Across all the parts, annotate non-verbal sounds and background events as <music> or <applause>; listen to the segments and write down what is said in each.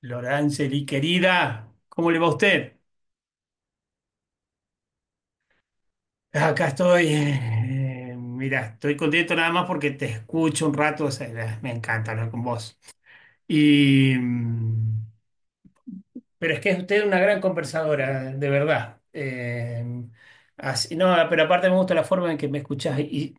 Lorangeli, querida, ¿cómo le va a usted? Acá estoy. Mira, estoy contento nada más porque te escucho un rato. O sea, me encanta hablar con vos. Y, mm, pero es que es usted una gran conversadora, de verdad. Así, no, pero aparte me gusta la forma en que me escuchás. Y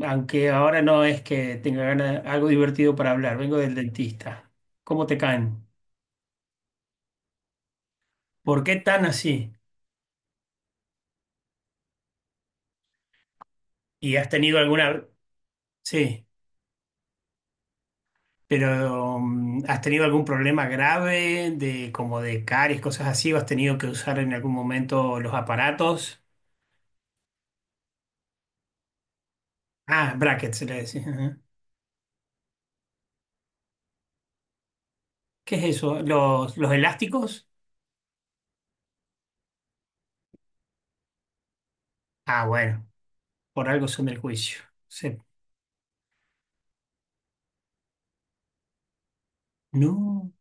aunque ahora no es que tenga ganas, algo divertido para hablar, vengo del dentista. ¿Cómo te caen? ¿Por qué tan así? ¿Y has tenido alguna... Sí. Pero, has tenido algún problema grave de como de caries, cosas así? ¿O has tenido que usar en algún momento los aparatos? Ah, brackets se le decía. Ajá. ¿Qué es eso? Los elásticos? Ah, bueno, por algo son del juicio. Se- no,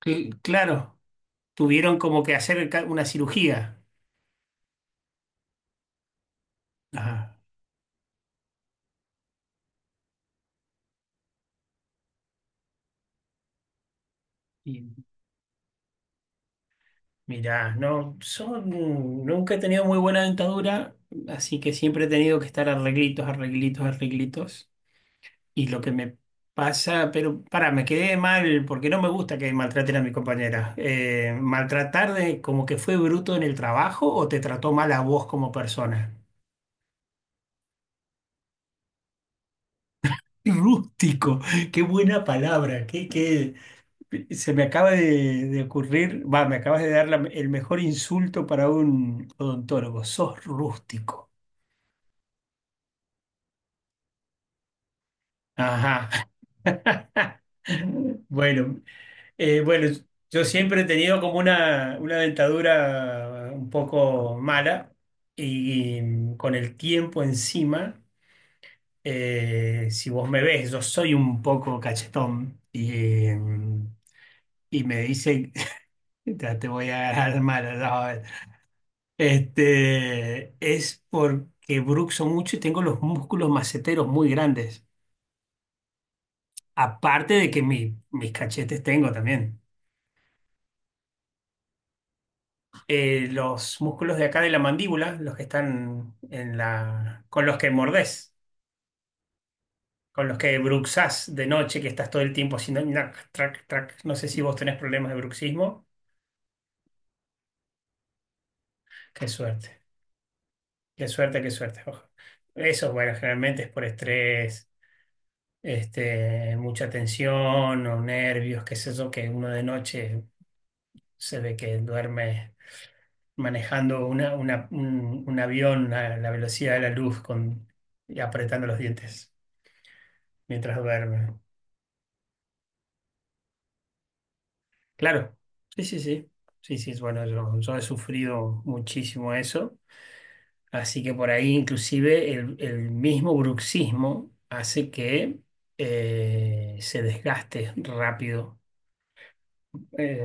claro, tuvieron como que hacer una cirugía. Ah, y mirá, no, son, nunca he tenido muy buena dentadura, así que siempre he tenido que estar arreglitos, arreglitos, arreglitos. Y lo que me pasa, pero para, me quedé mal porque no me gusta que maltraten a mi compañera. ¿Maltratar de como que fue bruto en el trabajo o te trató mal a vos como persona? <laughs> Rústico, qué buena palabra, se me acaba de ocurrir, va, me acabas de dar el mejor insulto para un odontólogo, sos rústico. Ajá. <laughs> Bueno, bueno, yo siempre he tenido como una dentadura un poco mala y, con el tiempo encima, si vos me ves, yo soy un poco cachetón eh, y me dicen, <laughs> ya te voy a agarrar mala, ya vas a ver". Este, es porque bruxo mucho y tengo los músculos maceteros muy grandes, aparte de que mis cachetes tengo también. Los músculos de acá de la mandíbula, los que están en la, con los que mordés, con los que bruxás de noche, que estás todo el tiempo haciendo nac, trac, trac. No sé si vos tenés problemas de bruxismo. Qué suerte, qué suerte, qué suerte. Ojo. Eso, bueno, generalmente es por estrés, este, mucha tensión o nervios, qué es eso que uno de noche se ve que duerme manejando una, un avión a la velocidad de la luz con, y apretando los dientes, mientras duerme. Claro, sí, sí, sí. Sí, sí, bueno, yo he sufrido muchísimo eso. Así que por ahí inclusive el mismo bruxismo hace que se desgaste rápido eh,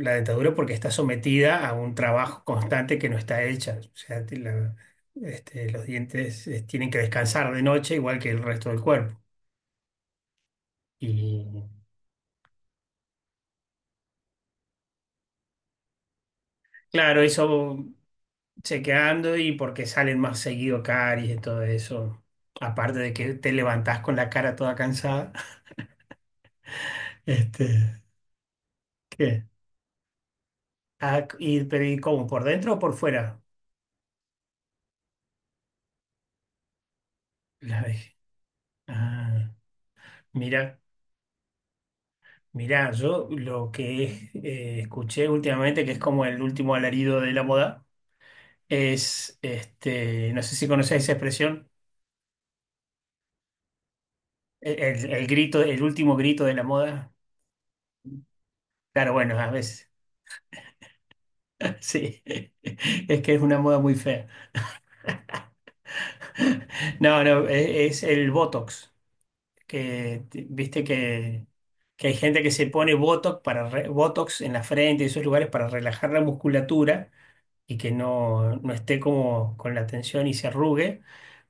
la dentadura porque está sometida a un trabajo constante que no está hecha. O sea, este, los dientes tienen que descansar de noche igual que el resto del cuerpo. Y claro, eso chequeando y porque salen más seguido caries y todo eso. Aparte de que te levantás con la cara toda cansada. <laughs> Este, ¿qué? Ah, y, pero ¿y cómo? ¿Por dentro o por fuera? La dejé. Ah, mira, mira, yo lo que escuché últimamente, que es como el último alarido de la moda, es, este, no sé si conocés esa expresión, el grito, el último grito de la moda. Claro, bueno, a veces, <laughs> sí, es que es una moda muy fea. No, no, es, el Botox, viste que hay gente que se pone Botox, para Botox en la frente y esos lugares para relajar la musculatura y que no, no esté como con la tensión y se arrugue.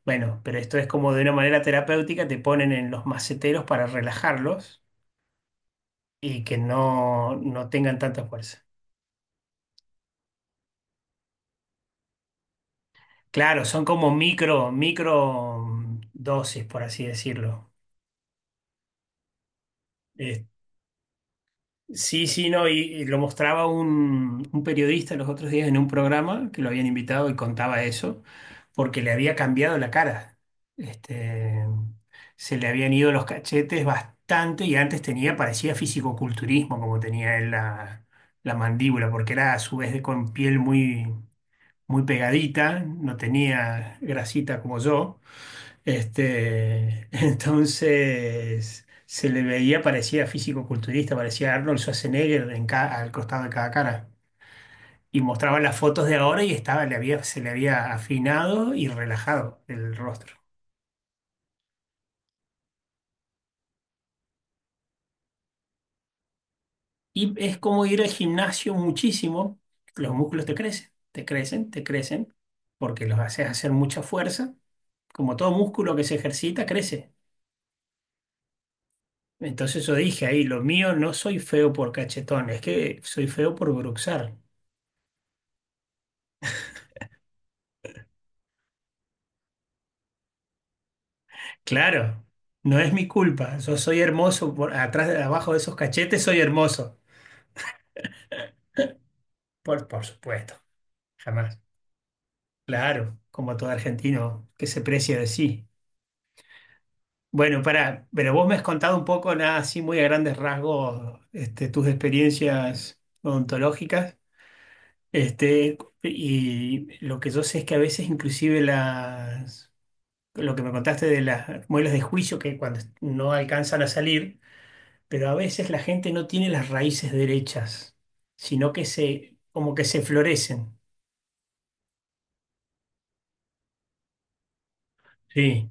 Bueno, pero esto es como de una manera terapéutica, te ponen en los maceteros para relajarlos y que no, no tengan tanta fuerza. Claro, son como micro, micro dosis, por así decirlo. Este, sí, sí, no, y lo mostraba un periodista los otros días en un programa que lo habían invitado y contaba eso, porque le había cambiado la cara. Este, se le habían ido los cachetes bastante y antes tenía, parecía fisicoculturismo como tenía él la, la mandíbula, porque era a su vez con piel muy, muy pegadita, no tenía grasita como yo. Este, <laughs> entonces se le veía, parecía físico-culturista, parecía Arnold Schwarzenegger en al costado de cada cara. Y mostraban las fotos de ahora y estaba, le había, se le había afinado y relajado el rostro. Y es como ir al gimnasio muchísimo, los músculos te crecen, te crecen, te crecen, porque los haces hacer mucha fuerza. Como todo músculo que se ejercita, crece. Entonces yo dije ahí, lo mío no soy feo por cachetón, es que soy feo por bruxar. Claro, no es mi culpa. Yo soy hermoso por atrás, abajo de esos cachetes, soy hermoso. Por supuesto, jamás. Claro, como todo argentino que se precia de sí. Bueno, para, pero vos me has contado un poco, nada así muy a grandes rasgos, este, tus experiencias odontológicas. Este, y lo que yo sé es que a veces inclusive las, lo que me contaste de las muelas de juicio que cuando no alcanzan a salir pero a veces la gente no tiene las raíces derechas, sino que se, como que se florecen. Sí,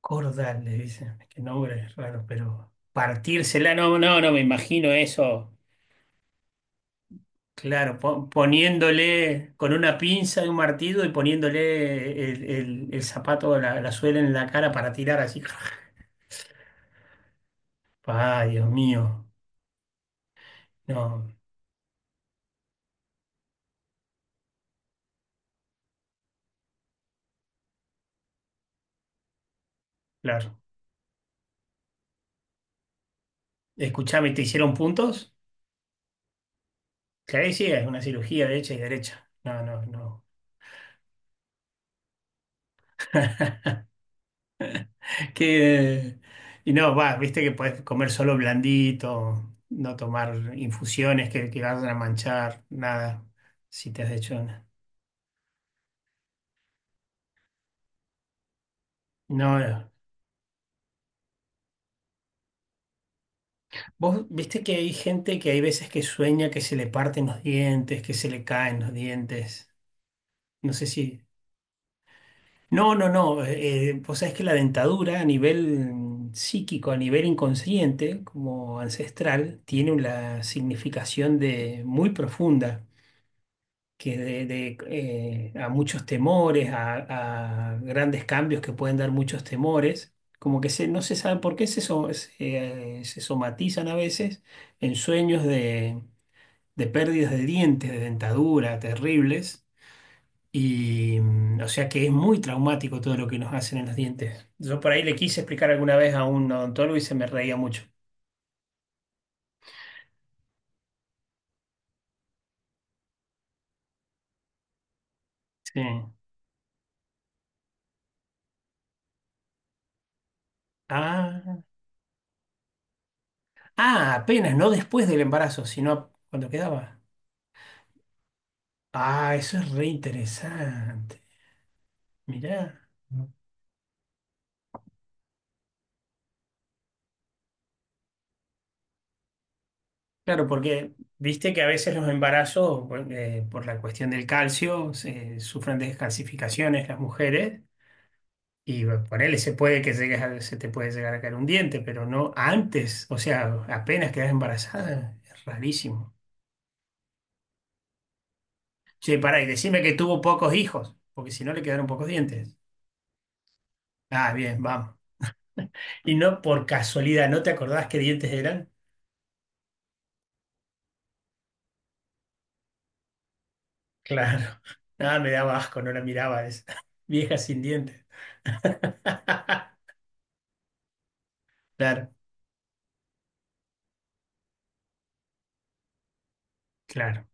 cordal, le dicen, es que nombre es raro, pero partírsela, no, no, no me imagino eso. Claro, poniéndole con una pinza y un martillo y poniéndole el, el zapato, la suela en la cara para tirar así. <laughs> Ay, Dios mío. No, claro. Escuchame, ¿te hicieron puntos? Claro, sí, es una cirugía de hecha y derecha. No, no, no. Que, y no, va, viste que puedes comer solo blandito, no tomar infusiones que vayan a manchar, nada, si te has hecho una. No, no, vos viste que hay gente que hay veces que sueña que se le parten los dientes, que se le caen los dientes. No sé si. No, no, no. Vos sabés que la dentadura a nivel psíquico, a nivel inconsciente, como ancestral, tiene una significación de muy profunda. Que de, a muchos temores, a grandes cambios que pueden dar muchos temores, como que se, no se sabe por qué se, se somatizan a veces en sueños de pérdidas de dientes, de dentadura, terribles. Y o sea que es muy traumático todo lo que nos hacen en los dientes. Yo por ahí le quise explicar alguna vez a un odontólogo y se me reía mucho. Sí. Ah, ah, apenas, no después del embarazo, sino cuando quedaba. Ah, eso es re interesante. Mirá. Claro, porque viste que a veces los embarazos, bueno, por la cuestión del calcio, se, sufren descalcificaciones las mujeres y bueno, ponele, se puede que se te puede llegar a caer un diente, pero no antes, o sea, apenas quedas embarazada, es rarísimo. Che, pará, y decime que tuvo pocos hijos, porque si no le quedaron pocos dientes. Ah, bien, vamos. Y no por casualidad, ¿no te acordás qué dientes eran? Claro. Nada, me daba asco, no la miraba esa. <laughs> Vieja sin dientes. <laughs> Claro, claro.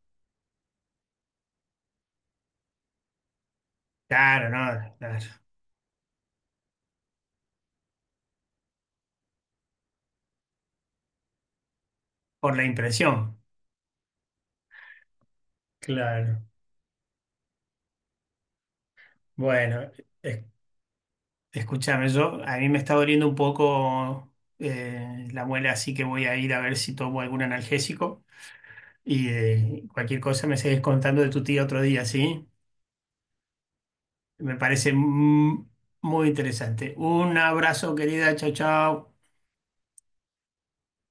Claro, no, claro. Por la impresión. Claro. Bueno, es- escúchame, yo, a mí me está doliendo un poco la muela, así que voy a ir a ver si tomo algún analgésico y cualquier cosa me seguís contando de tu tía otro día, ¿sí? Me parece muy interesante. Un abrazo, querida. Chao, chao.